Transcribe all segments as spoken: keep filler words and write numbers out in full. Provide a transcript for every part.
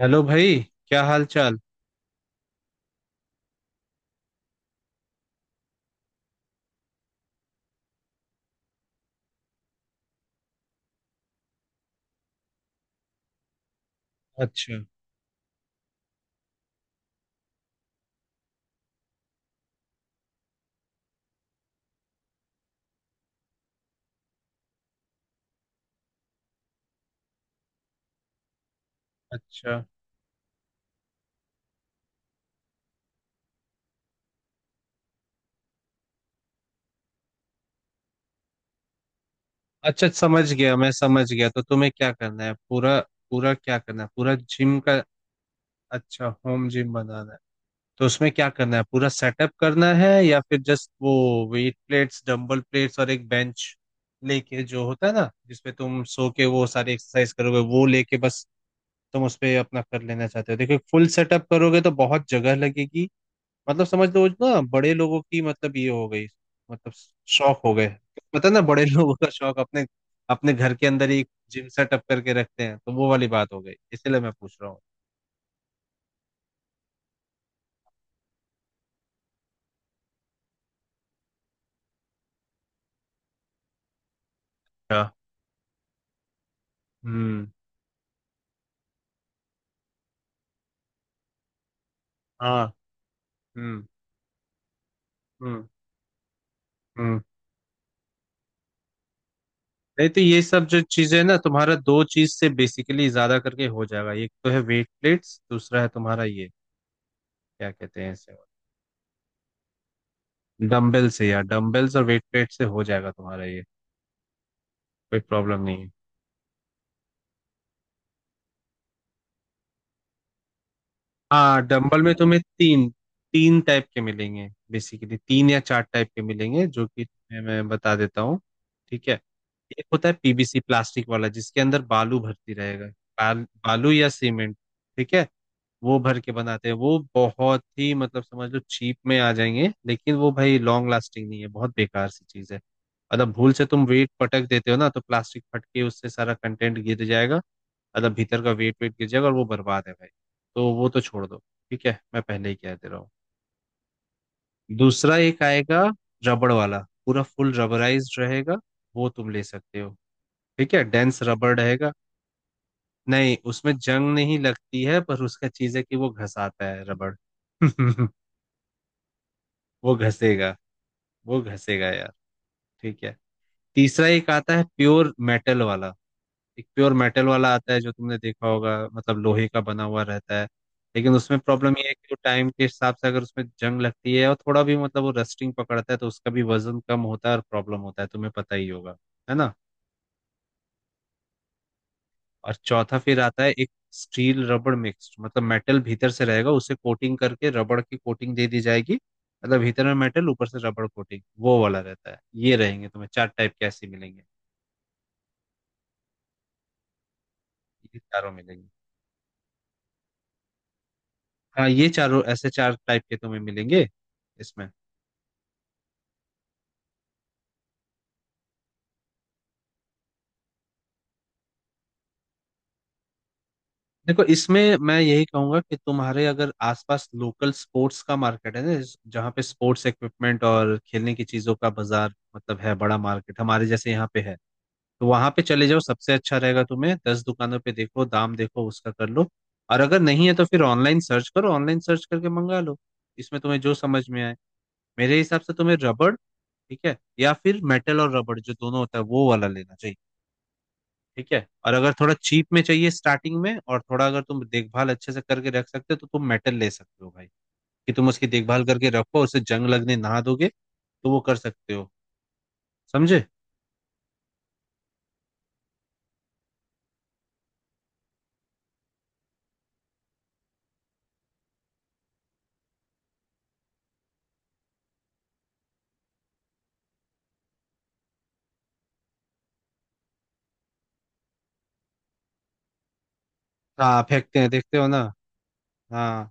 Hello भाई, क्या हाल चाल। अच्छा। अच्छा। अच्छा, समझ गया, मैं समझ गया। तो तुम्हें क्या करना है पूरा, पूरा क्या करना है, पूरा जिम का? अच्छा, होम जिम बनाना है। तो उसमें क्या करना है, पूरा सेटअप करना है या फिर जस्ट वो वेट प्लेट्स, डंबल प्लेट्स और एक बेंच लेके जो होता है ना, जिसपे तुम सो के वो सारी एक्सरसाइज करोगे, वो लेके बस तुम उस पे अपना कर लेना चाहते हो? देखो फुल सेटअप करोगे तो बहुत जगह लगेगी। मतलब समझ लो ना, बड़े लोगों की मतलब ये हो गई, मतलब शौक हो गए। पता है ना, बड़े लोगों का शौक अपने अपने घर के अंदर ही एक जिम सेटअप करके रखते हैं, तो वो वाली बात हो गई, इसलिए मैं पूछ रहा हूँ। अच्छा। हम्म। हाँ। हम्म। हम्म। हम्म। नहीं तो ये सब जो चीजें ना, तुम्हारा दो चीज से बेसिकली ज्यादा करके हो जाएगा। एक तो है वेट प्लेट्स, दूसरा है तुम्हारा ये, क्या कहते हैं इसे, डम्बल से यार। डम्बल और वेट प्लेट से हो जाएगा तुम्हारा ये, कोई प्रॉब्लम नहीं है। हाँ, डंबल में तुम्हें तीन तीन टाइप के मिलेंगे, बेसिकली तीन या चार टाइप के मिलेंगे, जो कि तुम्हें मैं बता देता हूँ। ठीक है, एक होता है पीबीसी प्लास्टिक वाला, जिसके अंदर बालू भर्ती रहेगा। बाल, बालू या सीमेंट, ठीक है। वो भर के बनाते हैं, वो बहुत ही मतलब समझ लो चीप में आ जाएंगे, लेकिन वो भाई लॉन्ग लास्टिंग नहीं है, बहुत बेकार सी चीज है। मतलब भूल से तुम वेट पटक देते हो ना, तो प्लास्टिक फट के उससे सारा कंटेंट गिर जाएगा, मतलब भीतर का वेट वेट गिर जाएगा और वो बर्बाद है भाई। तो वो तो छोड़ दो, ठीक है, मैं पहले ही कह दे रहा हूँ। दूसरा एक आएगा रबड़ वाला, पूरा फुल रबराइज्ड रहेगा। वो तुम ले सकते हो, ठीक है, डेंस रबड़ रहेगा। नहीं, उसमें जंग नहीं लगती है, पर उसका चीज है कि वो घसाता है रबड़। वो घसेगा, वो घसेगा यार, ठीक है। तीसरा एक आता है प्योर मेटल वाला। एक प्योर मेटल वाला आता है, जो तुमने देखा होगा, मतलब लोहे का बना हुआ रहता है। लेकिन उसमें प्रॉब्लम ये है कि वो टाइम के हिसाब से अगर उसमें जंग लगती है और थोड़ा भी मतलब वो रस्टिंग पकड़ता है, तो उसका भी वजन कम होता है और प्रॉब्लम होता है, तुम्हें पता ही होगा, है ना। और चौथा फिर आता है एक स्टील रबड़ मिक्स, मतलब मेटल भीतर से रहेगा, उसे कोटिंग करके रबड़ की कोटिंग दे दी जाएगी, मतलब भीतर में मेटल ऊपर से रबड़ कोटिंग, वो वाला रहता है। ये रहेंगे, तुम्हें चार टाइप के ऐसे मिलेंगे। ये चारों मिलेंगे, हाँ ये चारों, ऐसे चार टाइप के तुम्हें मिलेंगे इसमें। देखो इसमें मैं यही कहूंगा कि तुम्हारे अगर आसपास लोकल स्पोर्ट्स का मार्केट है ना, जहाँ पे स्पोर्ट्स इक्विपमेंट और खेलने की चीजों का बाजार मतलब है, बड़ा मार्केट हमारे जैसे यहाँ पे है, तो वहां पे चले जाओ, सबसे अच्छा रहेगा। तुम्हें दस दुकानों पे देखो, दाम देखो, उसका कर लो। और अगर नहीं है, तो फिर ऑनलाइन सर्च करो, ऑनलाइन सर्च करके मंगा लो। इसमें तुम्हें जो समझ में आए। मेरे हिसाब से तुम्हें रबड़, ठीक है, या फिर मेटल और रबड़ जो दोनों होता है वो वाला लेना चाहिए, ठीक है। और अगर थोड़ा चीप में चाहिए स्टार्टिंग में, और थोड़ा अगर तुम देखभाल अच्छे से करके रख सकते हो, तो तुम मेटल ले सकते हो भाई। कि तुम उसकी देखभाल करके रखो, उसे जंग लगने ना दोगे, तो वो कर सकते हो। समझे। हाँ, फेंकते हैं, देखते हो ना। हाँ।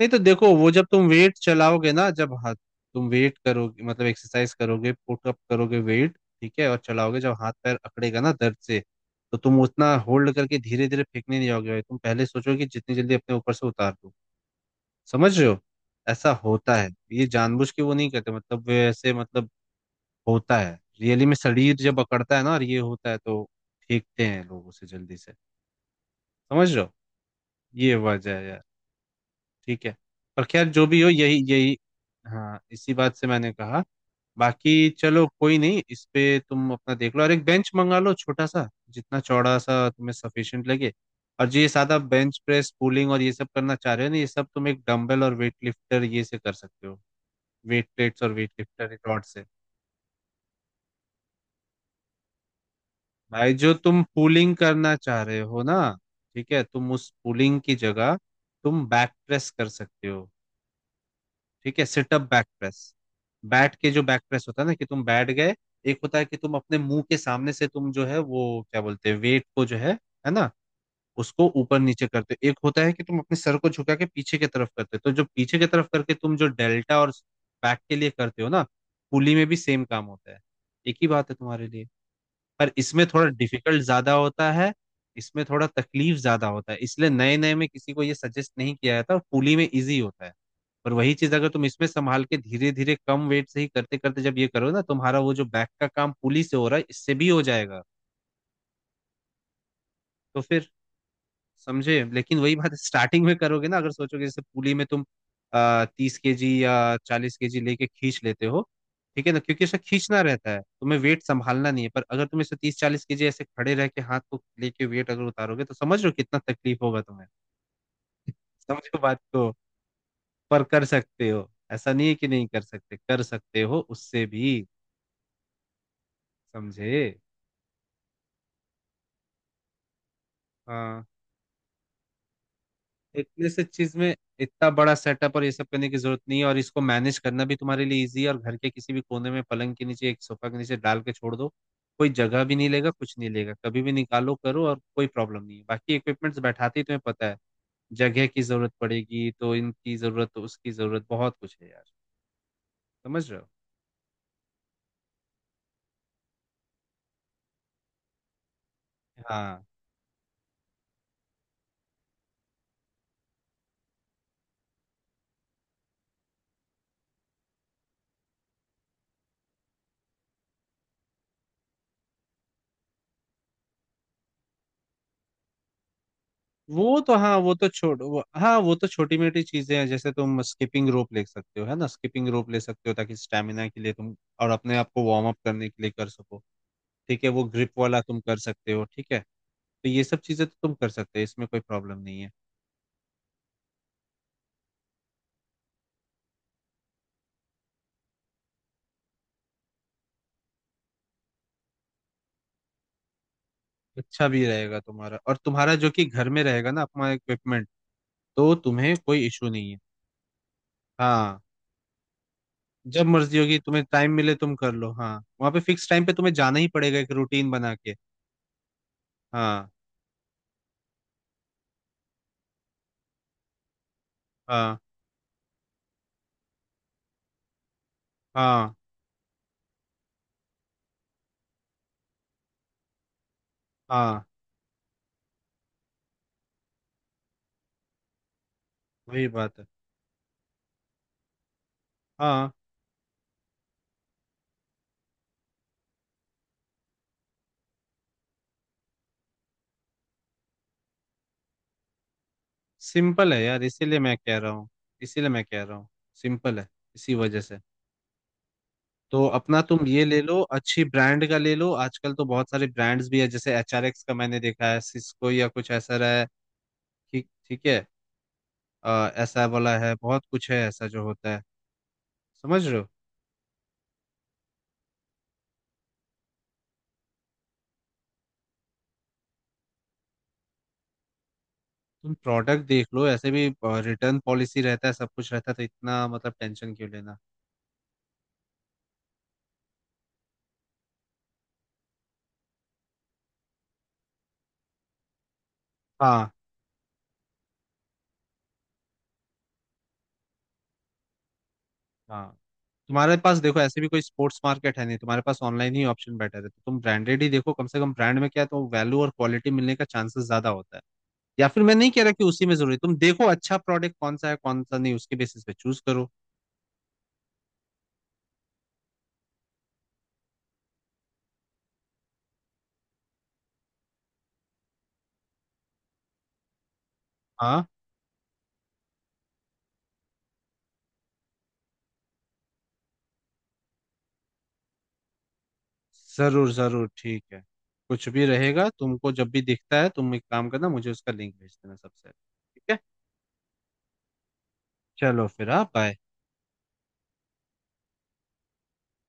नहीं तो देखो, वो जब तुम वेट चलाओगे ना, जब हाथ, तुम वेट करोगे, मतलब एक्सरसाइज करोगे, पुटअप करोगे वेट, ठीक है, और चलाओगे, जब हाथ पैर अकड़ेगा ना दर्द से, तो तुम उतना होल्ड करके धीरे धीरे फेंकने नहीं जाओगे भाई, तुम पहले सोचोगे कि जितनी जल्दी अपने ऊपर से उतार दो। समझ रहे हो। ऐसा होता है, ये जानबूझ के वो नहीं करते, मतलब वे ऐसे, मतलब होता है, रियली में शरीर जब अकड़ता है ना और ये होता है, तो फेंकते हैं लोग उसे जल्दी से। समझ रहे हो, ये वजह है यार। ठीक है। पर खैर, जो भी हो, यही यही, हाँ इसी बात से मैंने कहा। बाकी चलो कोई नहीं, इस पे तुम अपना देख लो और एक बेंच मंगा लो, छोटा सा, जितना चौड़ा सा तुम्हें सफिशिएंट लगे। और जो ये सादा बेंच प्रेस, पुलिंग और ये सब करना चाह रहे हो ना, ये सब तुम एक डंबल और वेट लिफ्टर ये से कर सकते हो, वेट प्लेट्स और वेट लिफ्टर रॉड से। भाई जो तुम पुलिंग करना चाह रहे हो ना, ठीक है, तुम उस पुलिंग की जगह तुम बैक प्रेस कर सकते हो। ठीक है, सिटअप बैक प्रेस, बैठ के जो बैक प्रेस होता है ना, कि तुम बैठ गए। एक होता है कि तुम अपने मुंह के सामने से तुम जो है वो, क्या बोलते हैं, वेट को जो है है ना, उसको ऊपर नीचे करते हो। एक होता है कि तुम अपने सर को झुका के पीछे की तरफ करते हो, तो जो पीछे की तरफ करके तुम जो डेल्टा और बैक के लिए करते हो ना, पुली में भी सेम काम होता है। एक ही बात है तुम्हारे लिए, पर इसमें थोड़ा डिफिकल्ट ज्यादा होता है। इसमें थोड़ा तकलीफ ज्यादा होता है, इसलिए नए नए में किसी को ये सजेस्ट नहीं किया जाता, और पुली में इजी होता है। पर वही चीज अगर तुम इसमें संभाल के धीरे धीरे कम वेट से ही करते करते जब ये करो ना, तुम्हारा वो जो बैक का काम पुली से हो रहा है, इससे भी हो जाएगा। तो फिर, समझे। लेकिन वही बात स्टार्टिंग में करोगे ना, अगर सोचोगे जैसे पुली में तुम तीस के जी या चालीस के जी लेके खींच लेते हो, ठीक है ना, क्योंकि ऐसा खींचना रहता है, तुम्हें वेट संभालना नहीं है। पर अगर तुम इसे तीस चालीस के जी ऐसे खड़े रह के हाथ को लेके वेट अगर उतारोगे, तो समझ लो कितना तकलीफ होगा तुम्हें। समझो बात को। पर कर सकते हो, ऐसा नहीं है कि नहीं कर सकते, कर सकते हो उससे भी। समझे। हाँ, इतने से चीज में, इतना बड़ा सेटअप और ये सब करने की जरूरत नहीं है, और इसको मैनेज करना भी तुम्हारे लिए इजी है। और घर के किसी भी कोने में पलंग के नीचे, एक सोफा के नीचे डाल के छोड़ दो, कोई जगह भी नहीं लेगा, कुछ नहीं लेगा, कभी भी निकालो करो और कोई प्रॉब्लम नहीं है। बाकी इक्विपमेंट्स बैठाते ही तुम्हें पता है, जगह की जरूरत पड़ेगी, तो इनकी जरूरत, तो उसकी जरूरत, बहुत कुछ है यार। समझ रहे हो। हाँ, वो तो, हाँ वो तो छोड़ वो, हाँ वो तो छोटी मोटी चीजें हैं। जैसे तुम स्किपिंग रोप ले सकते हो, है ना, स्किपिंग रोप ले सकते हो, ताकि स्टेमिना के लिए तुम और अपने आप को वार्म अप करने के लिए कर सको। ठीक है, वो ग्रिप वाला तुम कर सकते हो, ठीक है। तो ये सब चीजें तो तुम कर सकते हो, इसमें कोई प्रॉब्लम नहीं है। अच्छा भी रहेगा तुम्हारा, और तुम्हारा जो कि घर में रहेगा ना अपना इक्विपमेंट, तो तुम्हें कोई इशू नहीं है। हाँ। जब मर्जी होगी, तुम्हें टाइम मिले, तुम कर लो, हाँ। वहां पे फिक्स टाइम पे तुम्हें जाना ही पड़ेगा, एक रूटीन बना के। हाँ। हाँ। हाँ। हाँ, वही बात है। हाँ, सिंपल है यार, इसीलिए मैं कह रहा हूँ। इसीलिए मैं कह रहा हूँ, सिंपल है, इसी वजह से। तो अपना तुम ये ले लो, अच्छी ब्रांड का ले लो। आजकल तो बहुत सारे ब्रांड्स भी है, जैसे एच आर एक्स का मैंने देखा है, सिस्को या कुछ ऐसा रहा है, ठीक ठीक है। अ, ऐसा वाला है, बहुत कुछ है ऐसा जो होता है। समझ रहे हो। तुम प्रोडक्ट देख लो, ऐसे भी रिटर्न पॉलिसी रहता है, सब कुछ रहता है, तो इतना मतलब टेंशन क्यों लेना। हाँ। हाँ, तुम्हारे पास देखो ऐसे भी कोई स्पोर्ट्स मार्केट है नहीं, तुम्हारे पास ऑनलाइन ही ऑप्शन बेटर है, तो तुम ब्रांडेड ही देखो कम से कम, ब्रांड में क्या है तो वैल्यू और क्वालिटी मिलने का चांसेस ज्यादा होता है। या फिर मैं नहीं कह रहा कि उसी में जरूरी, तुम देखो अच्छा प्रोडक्ट कौन सा है, कौन सा नहीं, उसके बेसिस पे चूज करो। हाँ, जरूर जरूर, ठीक है। कुछ भी रहेगा, तुमको जब भी दिखता है, तुम एक काम करना, मुझे उसका लिंक भेज देना सबसे, ठीक है। चलो फिर, हाँ बाय।